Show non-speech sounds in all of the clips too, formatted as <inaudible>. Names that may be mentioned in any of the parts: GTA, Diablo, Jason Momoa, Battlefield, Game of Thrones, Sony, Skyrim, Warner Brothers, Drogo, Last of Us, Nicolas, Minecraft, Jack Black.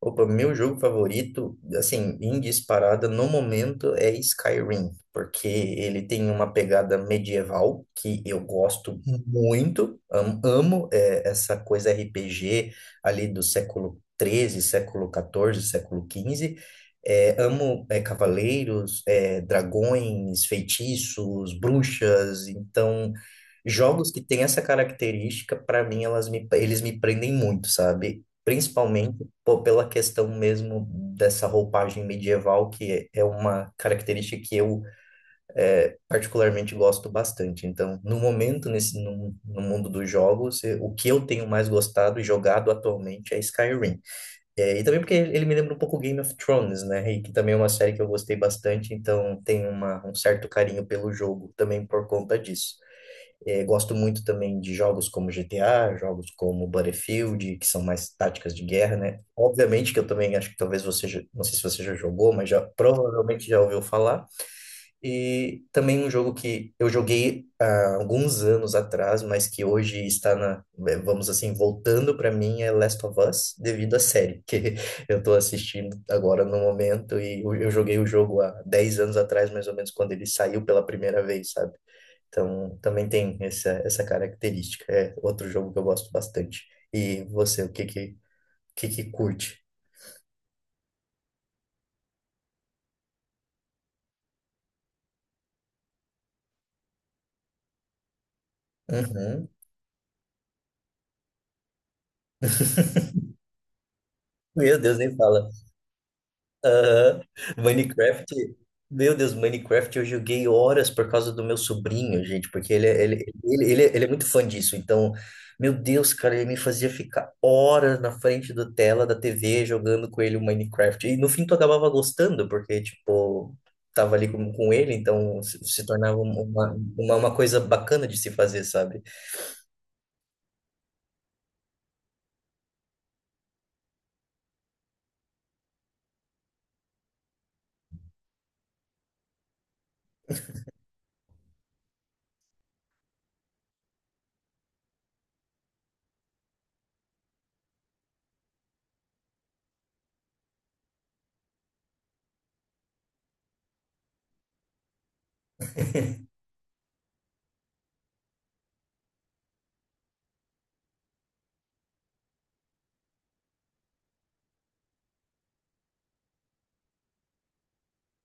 Opa, meu jogo favorito, assim, em disparada no momento é Skyrim, porque ele tem uma pegada medieval que eu gosto muito, amo, essa coisa RPG ali do século XIII, século XIV, século XV. É, amo, cavaleiros, dragões, feitiços, bruxas. Então, jogos que têm essa característica, para mim, eles me prendem muito, sabe? Principalmente pô, pela questão mesmo dessa roupagem medieval, que é uma característica que eu particularmente gosto bastante. Então, no momento, nesse, no, no mundo dos jogos, o que eu tenho mais gostado e jogado atualmente é Skyrim. É, e também porque ele me lembra um pouco Game of Thrones, né? E que também é uma série que eu gostei bastante, então tenho um certo carinho pelo jogo também por conta disso. É, gosto muito também de jogos como GTA, jogos como Battlefield, que são mais táticas de guerra, né? Obviamente que eu também acho que não sei se você já jogou, mas já provavelmente já ouviu falar. E também um jogo que eu joguei há alguns anos atrás, mas que hoje está na, vamos assim, voltando para mim é Last of Us, devido à série que <laughs> eu tô assistindo agora no momento e eu joguei o jogo há 10 anos atrás, mais ou menos, quando ele saiu pela primeira vez, sabe? Então, também tem essa característica. É outro jogo que eu gosto bastante. E você, o que que curte? Uhum. Meu Deus, nem fala. Aham. Minecraft, meu Deus, Minecraft eu joguei horas por causa do meu sobrinho, gente, porque ele, é- ele, ele é muito fã disso. Então, meu Deus, cara, ele me fazia ficar horas na frente da tela da TV jogando com ele o Minecraft. E no fim tu acabava gostando, porque, tipo, tava ali com ele, então se tornava uma coisa bacana de se fazer, sabe?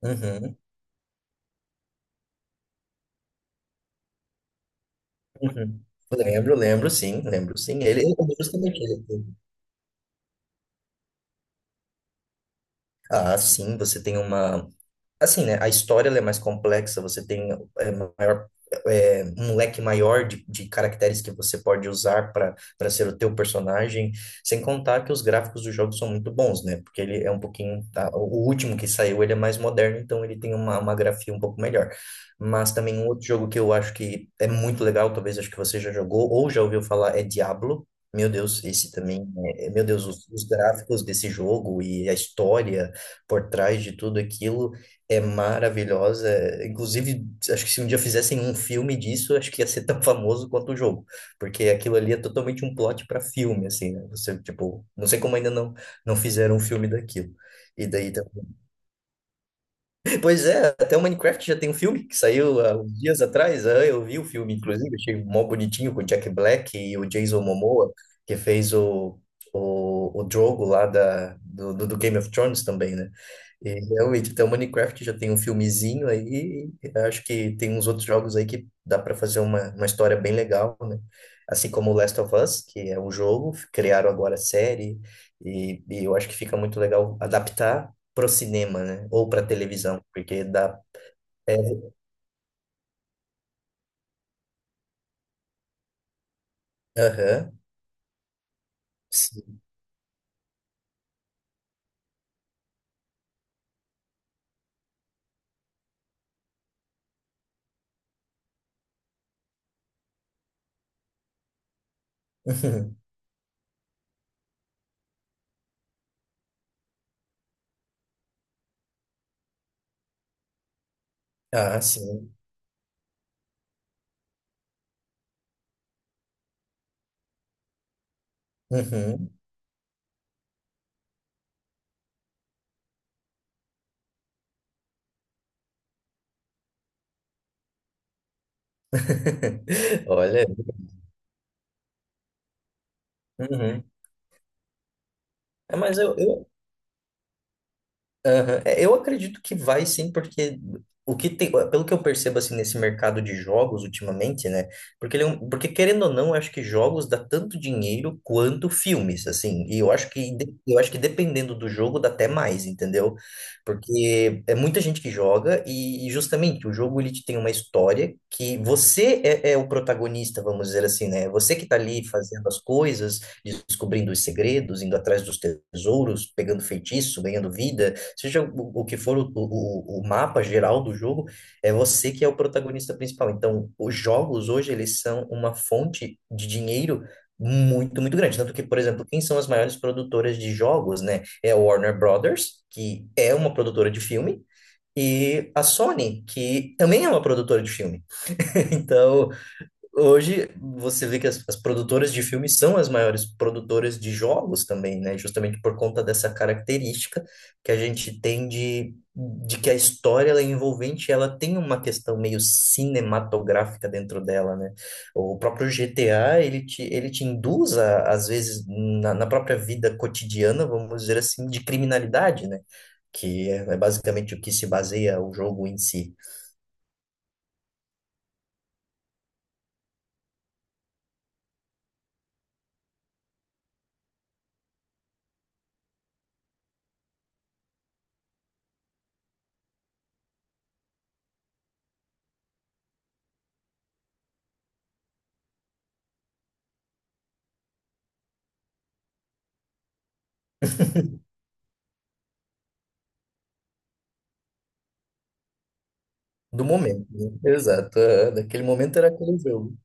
Uhum, uhum. Lembro, lembro, sim, lembro, sim. Ele, justamente ele. Ah, sim, você tem uma. Assim, né? A história ela é mais complexa, você tem, é, maior, um leque maior de caracteres que você pode usar para ser o teu personagem, sem contar que os gráficos do jogo são muito bons, né? Porque ele é um pouquinho. Tá, o último que saiu, ele é mais moderno, então ele tem uma grafia um pouco melhor. Mas também um outro jogo que eu acho que é muito legal, talvez acho que você já jogou ou já ouviu falar, é Diablo. Meu Deus, esse também, é, meu Deus, os gráficos desse jogo e a história por trás de tudo aquilo é maravilhosa. Inclusive, acho que se um dia fizessem um filme disso, acho que ia ser <laughs> tão famoso quanto o jogo, porque aquilo ali é totalmente um plot para filme, assim, né? Você, tipo, não sei como ainda não fizeram um filme daquilo. E daí Pois é, até o Minecraft já tem um filme que saiu há uns dias atrás. Ah, eu vi o filme, inclusive, achei mó bonitinho com o Jack Black e o Jason Momoa, que fez o Drogo lá da, do, do do Game of Thrones também, né? E realmente, até o Minecraft já tem um filmezinho aí. E acho que tem uns outros jogos aí que dá para fazer uma história bem legal, né? Assim como o Last of Us, que é um jogo, criaram agora a série, e eu acho que fica muito legal adaptar pro cinema, né? Ou pra televisão, porque dá. É, aham, sim. <laughs> Uhum. Ah, sim. Uhum. <laughs> Olha. Uhum. É, aham. É, eu acredito que vai sim, porque o que tem, pelo que eu percebo assim nesse mercado de jogos ultimamente, né? Porque porque querendo ou não, eu acho que jogos dá tanto dinheiro quanto filmes, assim. E eu acho que eu acho que dependendo do jogo dá até mais, entendeu? Porque é muita gente que joga e justamente o jogo ele te tem uma história que você é o protagonista, vamos dizer assim, né? Você que tá ali fazendo as coisas, descobrindo os segredos, indo atrás dos tesouros, pegando feitiço, ganhando vida, seja o que for o mapa geral do jogo, é você que é o protagonista principal. Então, os jogos hoje, eles são uma fonte de dinheiro muito, muito grande. Tanto que, por exemplo, quem são as maiores produtoras de jogos, né? É a Warner Brothers, que é uma produtora de filme, e a Sony, que também é uma produtora de filme. <laughs> Então, hoje você vê que as produtoras de filmes são as maiores produtoras de jogos também, né? Justamente por conta dessa característica que a gente tem de que a história ela é envolvente, ela tem uma questão meio cinematográfica dentro dela, né? O próprio GTA, ele te induz, às vezes, na própria vida cotidiana, vamos dizer assim, de criminalidade, né? Que é basicamente o que se baseia o jogo em si, <laughs> do momento, né? Exato, é, naquele momento era aquele jogo.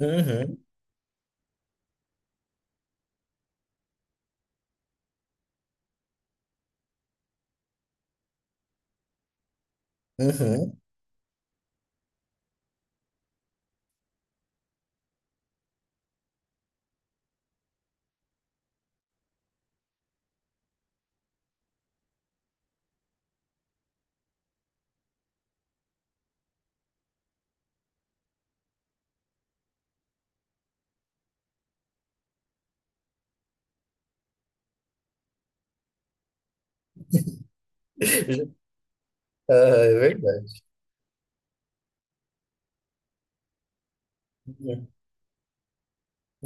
Uhum, uhum. <laughs> Ah, é verdade.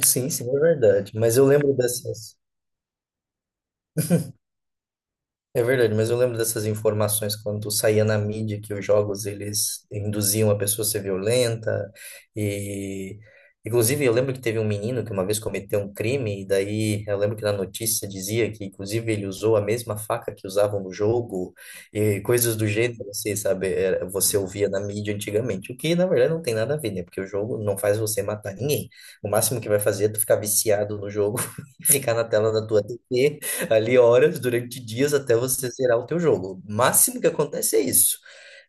Sim, sim, é verdade. Mas eu lembro dessa. É verdade, mas eu lembro dessas informações quando saía na mídia que os jogos eles induziam a pessoa a ser violenta e inclusive eu lembro que teve um menino que uma vez cometeu um crime e daí eu lembro que na notícia dizia que inclusive ele usou a mesma faca que usavam no jogo e coisas do gênero, você sabe. Você ouvia na mídia antigamente, o que na verdade não tem nada a ver, né? Porque o jogo não faz você matar ninguém. O máximo que vai fazer é tu ficar viciado no jogo <laughs> e ficar na tela da tua TV ali horas durante dias até você zerar o teu jogo. O máximo que acontece é isso.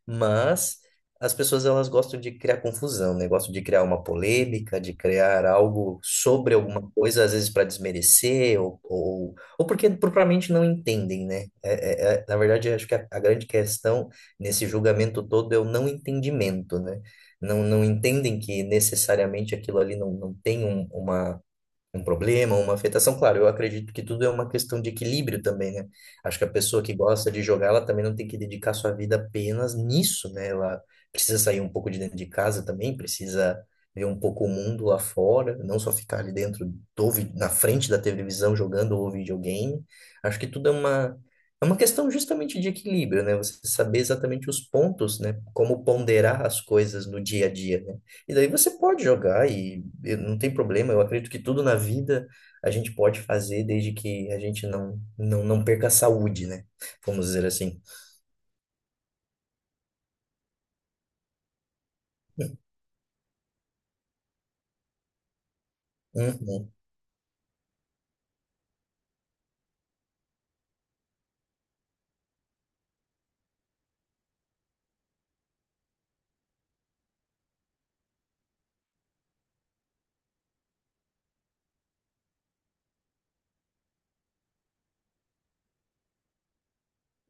Mas as pessoas elas gostam de criar confusão, né? Gostam de criar uma polêmica, de criar algo sobre alguma coisa, às vezes para desmerecer ou porque propriamente não entendem, né? Na verdade, eu acho que a grande questão nesse julgamento todo é o não entendimento, né? Não, não entendem que necessariamente aquilo ali não, não tem um, uma um problema, uma afetação. Claro, eu acredito que tudo é uma questão de equilíbrio também, né? Acho que a pessoa que gosta de jogar, ela também não tem que dedicar sua vida apenas nisso, né? Ela precisa sair um pouco de dentro de casa também, precisa ver um pouco o mundo lá fora, não só ficar ali dentro na frente da televisão jogando o videogame. Acho que tudo é uma é uma questão justamente de equilíbrio, né? Você saber exatamente os pontos, né? Como ponderar as coisas no dia a dia, né? E daí você pode jogar e não tem problema. Eu acredito que tudo na vida a gente pode fazer desde que a gente não perca a saúde, né? Vamos dizer assim. Uhum.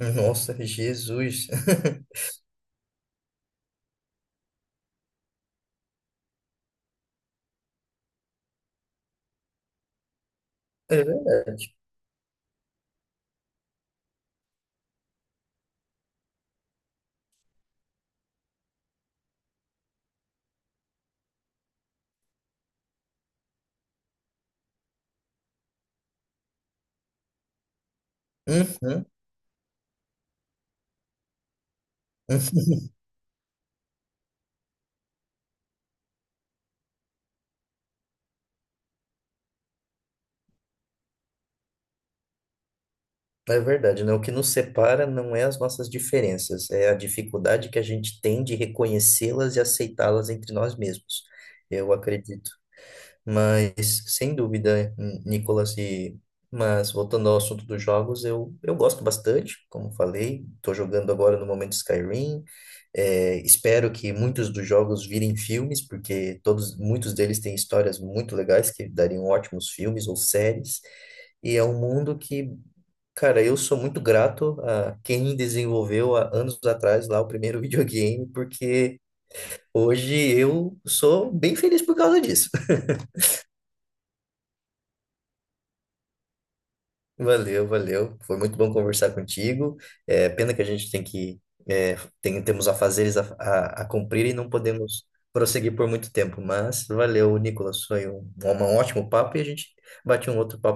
Uhum. Nossa, Jesus. <laughs> É verdade. Uhum. <laughs> É verdade, né? O que nos separa não é as nossas diferenças, é a dificuldade que a gente tem de reconhecê-las e aceitá-las entre nós mesmos. Eu acredito Mas, sem dúvida, Nicolas, mas voltando ao assunto dos jogos, eu gosto bastante, como falei, estou jogando agora no momento Skyrim, é, espero que muitos dos jogos virem filmes, porque todos, muitos deles têm histórias muito legais que dariam ótimos filmes ou séries, e é um mundo que, cara, eu sou muito grato a quem desenvolveu há anos atrás lá o primeiro <laughs> videogame, porque hoje eu sou bem feliz por causa disso. Valeu, valeu. Foi muito bom conversar contigo. É pena que a gente tem que, é, temos afazeres a cumprir e não podemos prosseguir por muito tempo, mas valeu, Nicolas. Foi um ótimo papo e a gente bate um outro papo.